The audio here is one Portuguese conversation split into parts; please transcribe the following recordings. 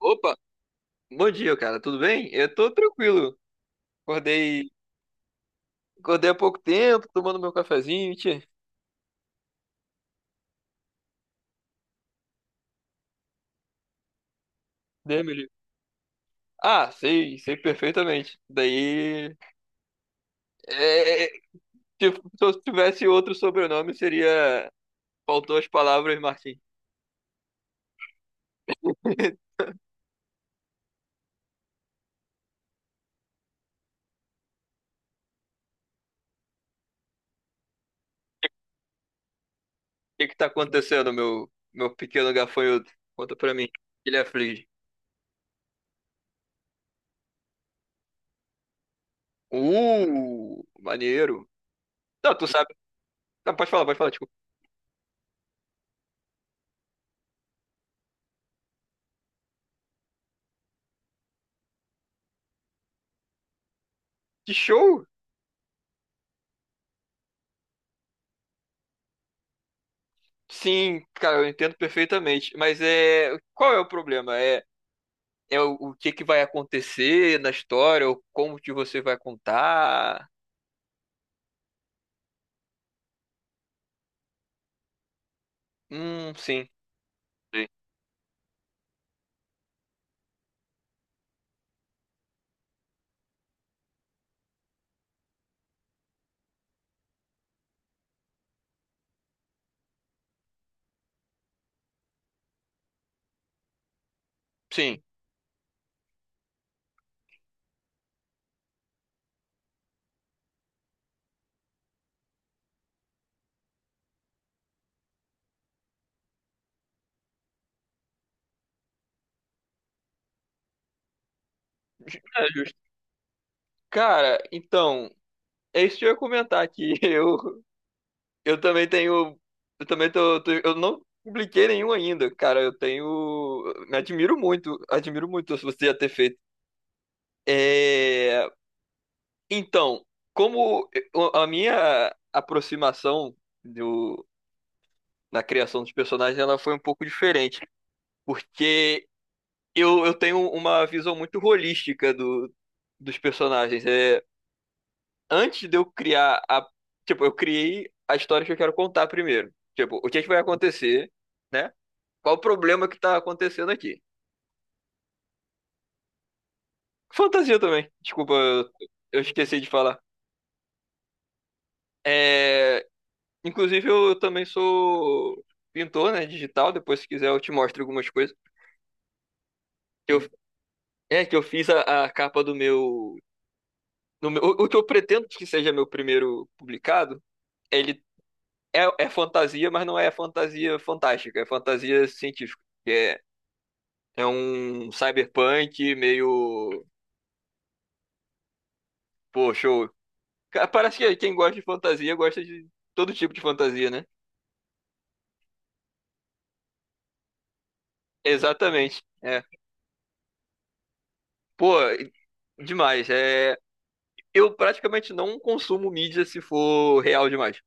Opa, bom dia, cara. Tudo bem? Eu tô tranquilo. Acordei, acordei há pouco tempo, tomando meu cafezinho, tchê. Deus me livre. Ah, sei, sei perfeitamente. Daí, é, é, tipo, se eu tivesse outro sobrenome, seria... Faltou as palavras, Martim. O que que tá acontecendo, meu pequeno gafanhoto? Conta pra mim. Ele aflige. Maneiro. Não, tu sabe. Não, pode falar, pode falar. Tipo, que show? Sim, cara, eu entendo perfeitamente. Mas é. Qual é o problema? É, é o que que vai acontecer na história, ou como que você vai contar. Sim. Sim, sim. É justo. Cara, então, é isso que eu ia comentar aqui. Eu também tenho. Eu também Eu não publiquei nenhum ainda, cara. Eu tenho. Me admiro muito. Admiro muito se você já ter feito. É, então, como a minha aproximação do, na criação dos personagens ela foi um pouco diferente. Porque eu tenho uma visão muito holística dos personagens. É, antes de eu criar a. Tipo, eu criei a história que eu quero contar primeiro. Tipo, o que, é que vai acontecer, né? Qual o problema que tá acontecendo aqui? Fantasia também. Desculpa, eu esqueci de falar. É, inclusive, eu também sou pintor, né? Digital. Depois, se quiser, eu te mostro algumas coisas. Que Eu, é que eu fiz a capa do meu. O o que eu pretendo que seja meu primeiro publicado, ele é fantasia, mas não é fantasia fantástica, é fantasia científica. Que é, é um cyberpunk meio. Pô, show. Cara, parece que quem gosta de fantasia gosta de todo tipo de fantasia, né? Exatamente. É. Pô, demais. É, eu praticamente não consumo mídia se for real demais.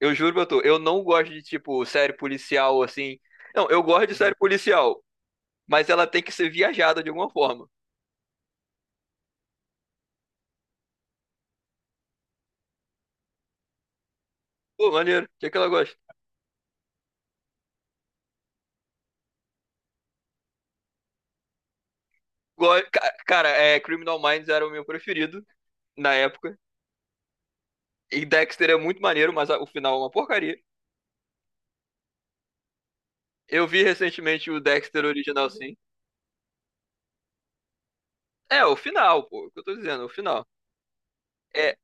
Eu juro pra tu, eu não gosto de tipo série policial assim. Não, eu gosto de série policial, mas ela tem que ser viajada de alguma forma. Pô, maneiro. O que é que ela gosta? Cara, é, Criminal Minds era o meu preferido na época. E Dexter é muito maneiro, mas o final é uma porcaria. Eu vi recentemente o Dexter original, sim. É, o final, pô, o que eu tô dizendo, o final. É,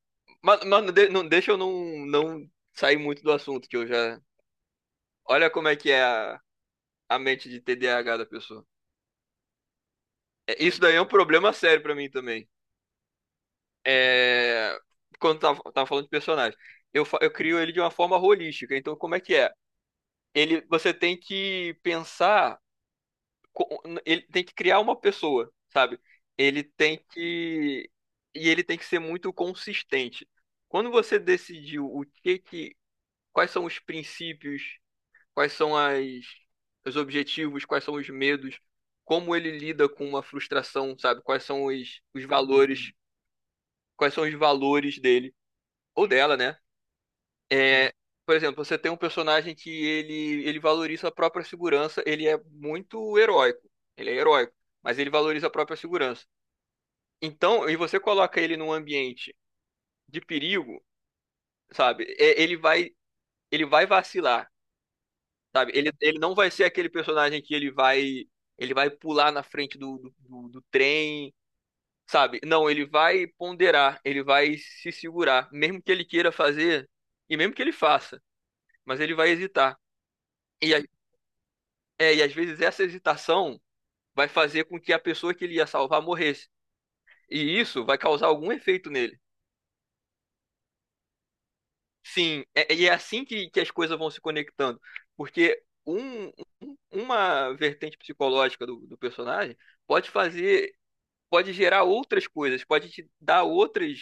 mano, não, deixa eu não, não sair muito do assunto, que eu já. Olha como é que é a mente de TDAH da pessoa. É, isso daí é um problema sério pra mim também. É, quando tava falando de personagem, eu crio ele de uma forma holística. Então, como é que é? Ele, você tem que pensar ele tem que criar uma pessoa, sabe? Ele tem que e ele tem que ser muito consistente. Quando você decidiu o que que quais são os princípios, quais são as os objetivos, quais são os medos, como ele lida com uma frustração, sabe? Quais são os valores, quais são os valores dele ou dela, né? É, por exemplo, você tem um personagem que ele valoriza a própria segurança, ele é muito heróico. Ele é heróico, mas ele valoriza a própria segurança. Então, e você coloca ele num ambiente de perigo, sabe? É, ele vai vacilar, sabe? Ele não vai ser aquele personagem que ele vai pular na frente do trem, sabe? Não, ele vai ponderar, ele vai se segurar, mesmo que ele queira fazer, e mesmo que ele faça, mas ele vai hesitar. E é, e às vezes essa hesitação vai fazer com que a pessoa que ele ia salvar morresse. E isso vai causar algum efeito nele. Sim, e é assim que as coisas vão se conectando. Porque uma vertente psicológica do personagem pode fazer, pode gerar outras coisas, pode te dar outras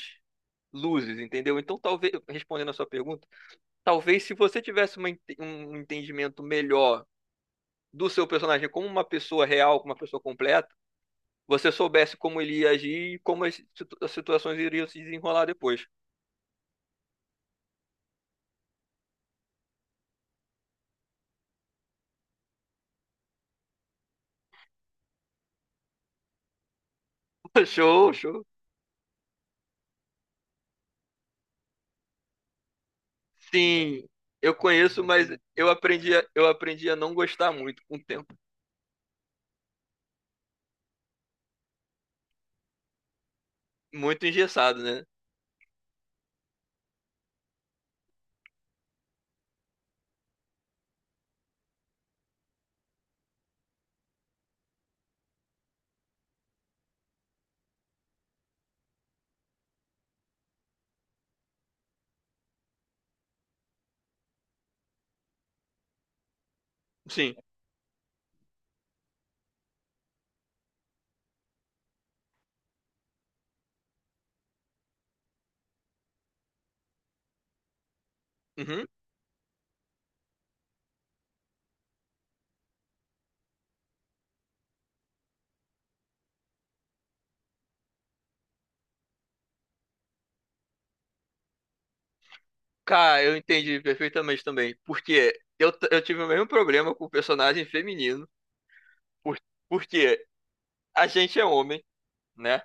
luzes, entendeu? Então, talvez, respondendo a sua pergunta, talvez se você tivesse uma um entendimento melhor do seu personagem como uma pessoa real, como uma pessoa completa você soubesse como ele ia agir e como as as situações iriam se desenrolar depois. Show, show. Sim, eu conheço, mas eu aprendi a não gostar muito com o tempo. Muito engessado, né? Sim. Uhum. Cara, eu entendi perfeitamente também. Porque eu, eu tive o mesmo problema com o personagem feminino. Por, porque a gente é homem, né?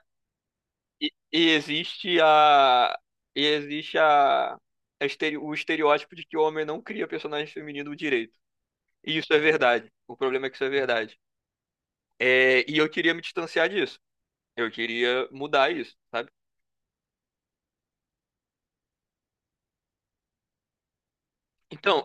E existe a. E existe a o estereótipo de que o homem não cria personagem feminino direito. E isso é verdade. O problema é que isso é verdade. É, e eu queria me distanciar disso. Eu queria mudar isso, sabe? Então,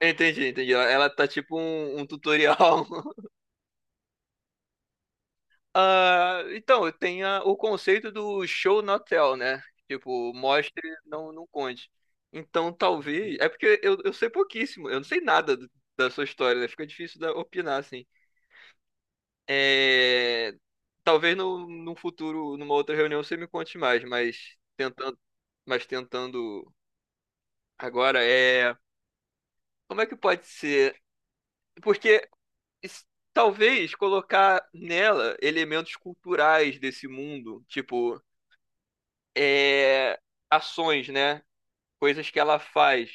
entendi, entendi. Ela ela tá tipo um tutorial. Ah, então, tem o conceito do show not tell, né? Tipo, mostre, não, não conte. Então, talvez. É porque eu sei pouquíssimo. Eu não sei nada da sua história, né? Fica difícil da, opinar, assim. É, talvez no, num futuro, numa outra reunião, você me conte mais, mas tentando. Mas tentando agora, é. Como é que pode ser? Porque s- talvez colocar nela elementos culturais desse mundo, tipo, é... ações, né? Coisas que ela faz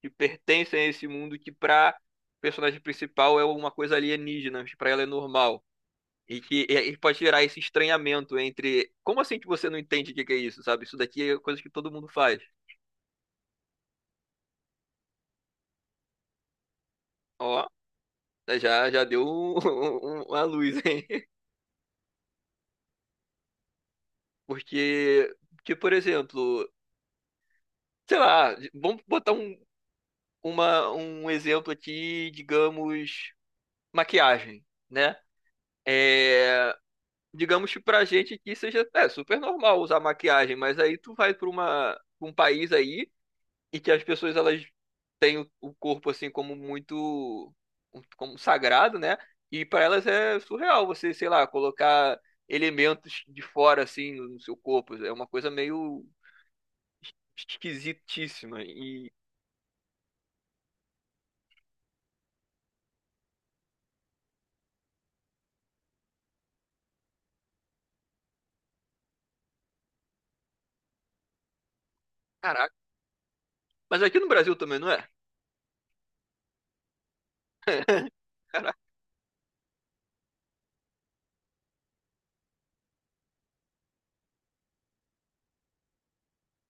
que pertencem a esse mundo que pra personagem principal é uma coisa alienígena, mas pra ela é normal. E que e pode gerar esse estranhamento entre. Como assim que você não entende o que que é isso, sabe? Isso daqui é coisa que todo mundo faz. Ó, já, já deu uma luz, hein? Porque, que, por exemplo, sei lá, vamos botar um exemplo aqui, digamos, maquiagem, né? É, digamos que pra gente aqui seja é, super normal usar maquiagem, mas aí tu vai pra pra um país aí e que as pessoas elas têm o corpo assim como muito como sagrado, né? E pra elas é surreal você, sei lá, colocar elementos de fora assim no seu corpo, é uma coisa meio esquisitíssima. E, caraca. Mas aqui no Brasil também, não é? Caraca.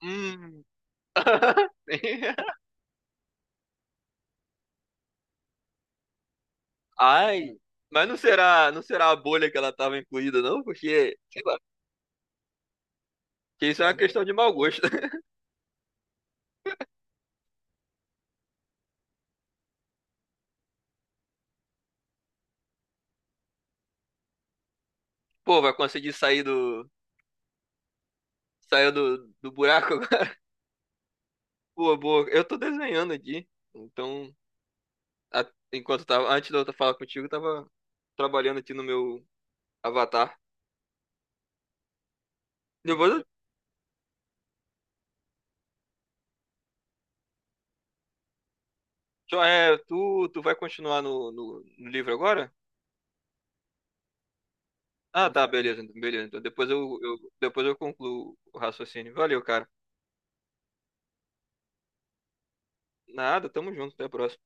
Hum. Ai. Mas não será, não será a bolha que ela estava incluída, não? Porque, sei lá, que isso é uma questão de mau gosto. Pô, vai conseguir sair do, sair do buraco agora? Boa, boa. Eu tô desenhando aqui. Então, a- enquanto tava, antes de eu falar contigo, eu tava trabalhando aqui no meu avatar. Depois, só, é, tu, tu vai continuar no livro agora? Ah, tá, beleza. Então depois eu, depois eu concluo o raciocínio. Valeu, cara. Nada, tamo junto, até a próxima.